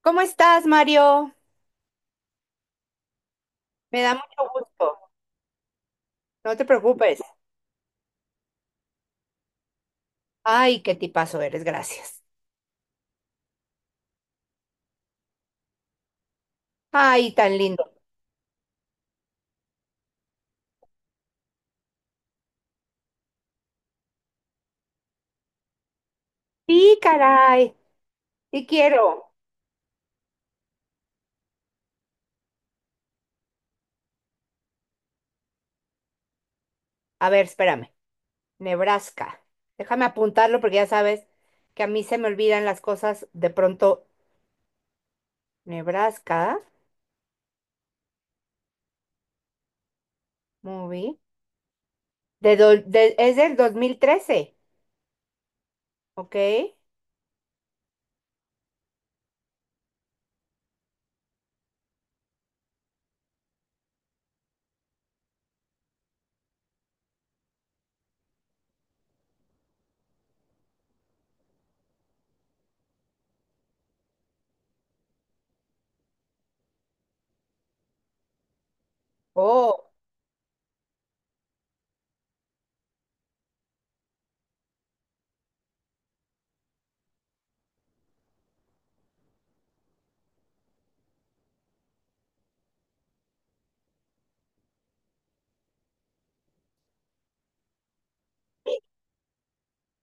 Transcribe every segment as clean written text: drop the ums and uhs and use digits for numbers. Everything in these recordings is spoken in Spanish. ¿Cómo estás, Mario? Me da mucho gusto. No te preocupes. Ay, qué tipazo eres, gracias. Ay, tan lindo. Sí, caray. Sí quiero. A ver, espérame. Nebraska. Déjame apuntarlo porque ya sabes que a mí se me olvidan las cosas de pronto. Nebraska, movie. Es del 2013. ¿Ok? Oh.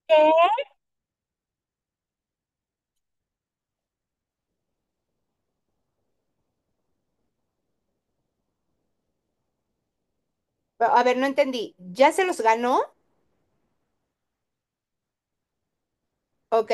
¿Qué? Pero, a ver, no entendí. ¿Ya se los ganó? Ok,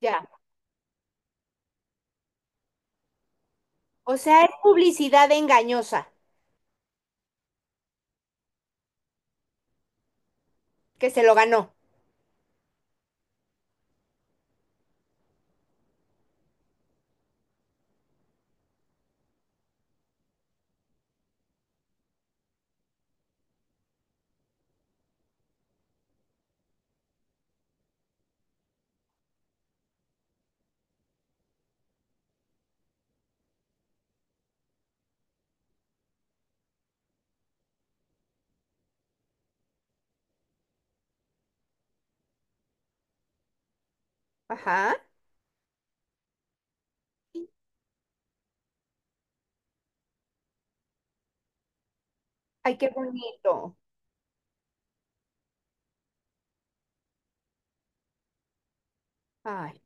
ya. O sea, es publicidad engañosa que se lo ganó. Ajá. Ay, qué bonito. Ay.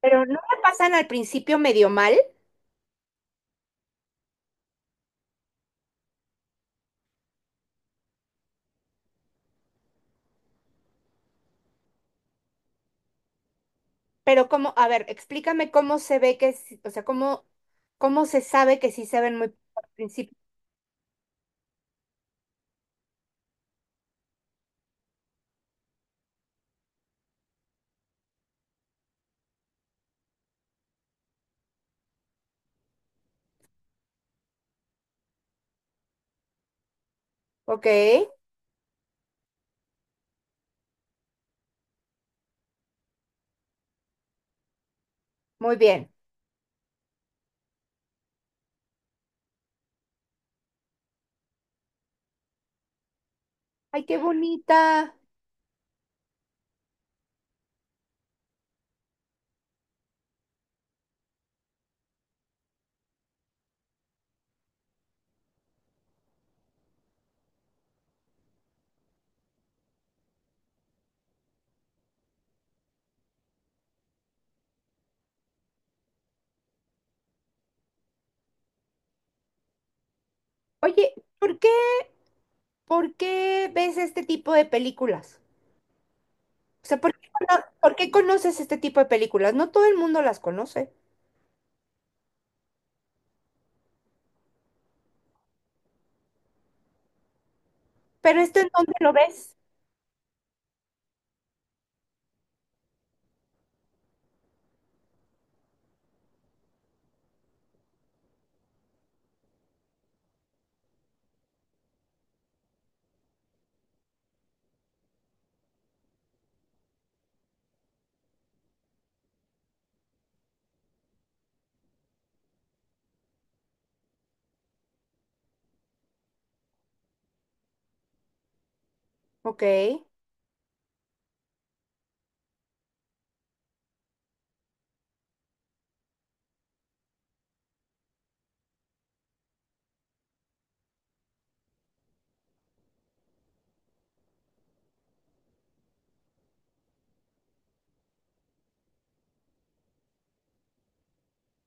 Pero no me pasan al principio medio mal, pero cómo, a ver, explícame cómo se ve que, o sea, cómo, cómo se sabe que sí se ven muy al principio. Ok, muy bien. Ay, qué bonita. Oye, ¿por qué, por qué ves este tipo de películas? O sea, ¿por qué, por qué conoces este tipo de películas? No todo el mundo las conoce, pero ¿esto en dónde lo ves? Ok, ¿va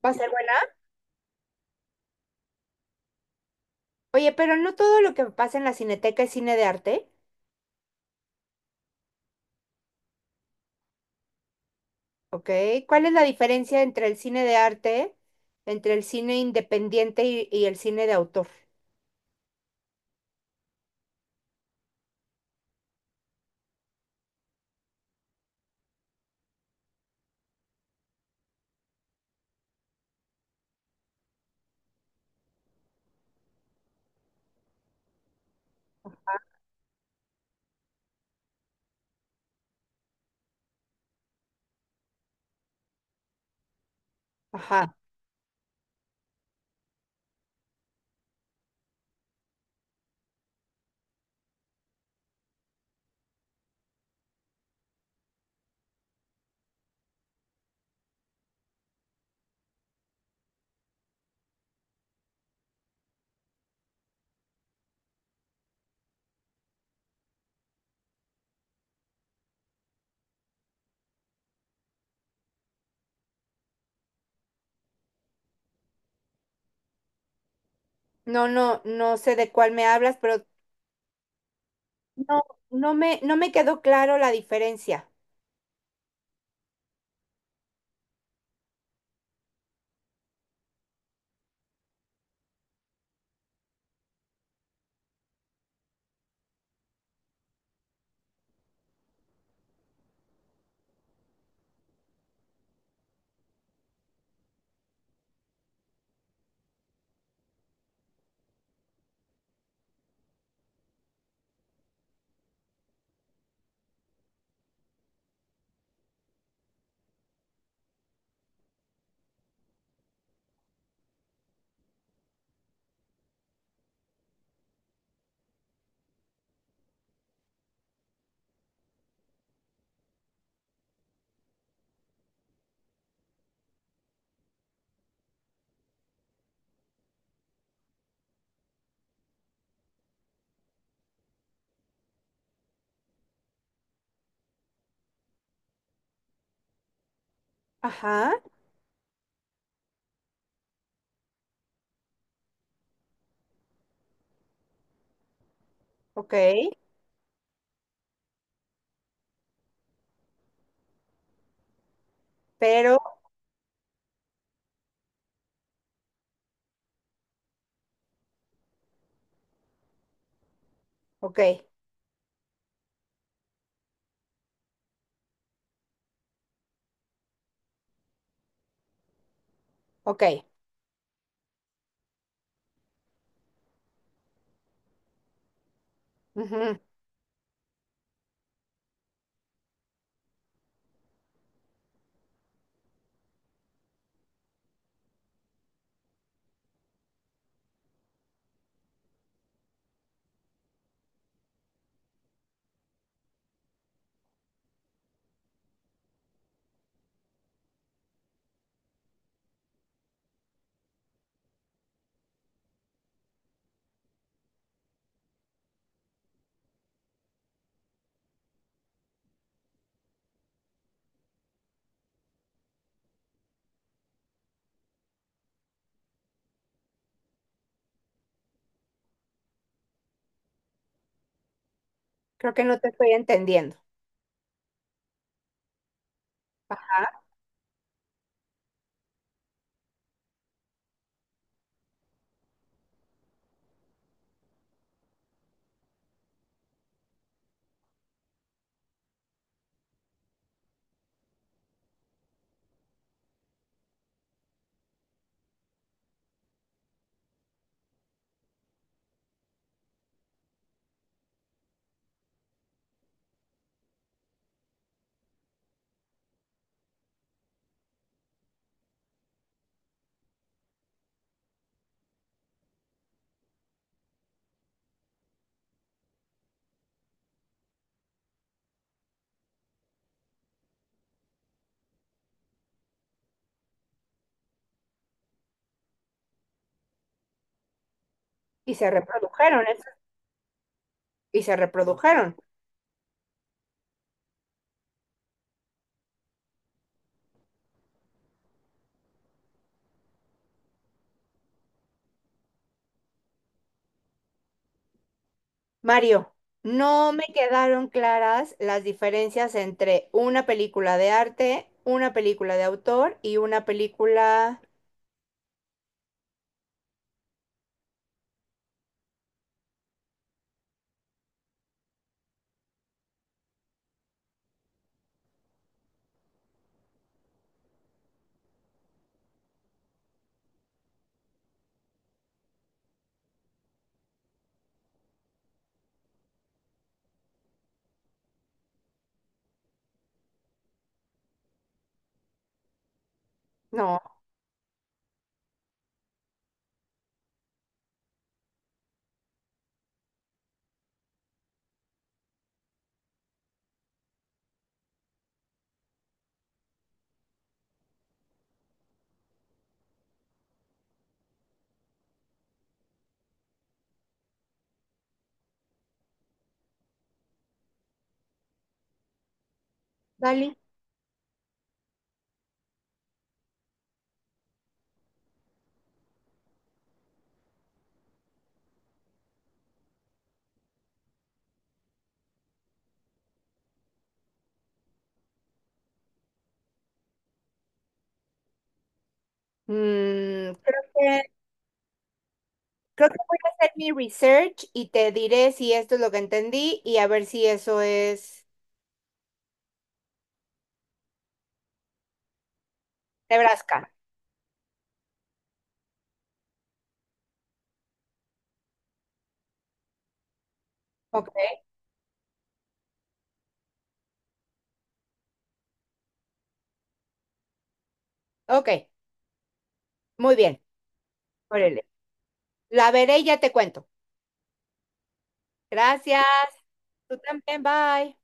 a ser buena? Oye, pero no todo lo que pasa en la Cineteca es cine de arte. Ok, ¿cuál es la diferencia entre el cine de arte, entre el cine independiente y el cine de autor? Ajá. No, no, no sé de cuál me hablas, pero no, no me, no me quedó claro la diferencia. Ajá, ok, pero, ok, ok. Ujú. Creo que no te estoy entendiendo. Ajá. Y se reprodujeron, y se reprodujeron. Mario, no me quedaron claras las diferencias entre una película de arte, una película de autor y una película... No, Dali. Mm, creo que, creo que voy a hacer mi research y te diré si esto es lo que entendí y a ver si eso es Nebraska. Ok, ok, muy bien. Órale. La veré y ya te cuento. Gracias. Tú también, bye.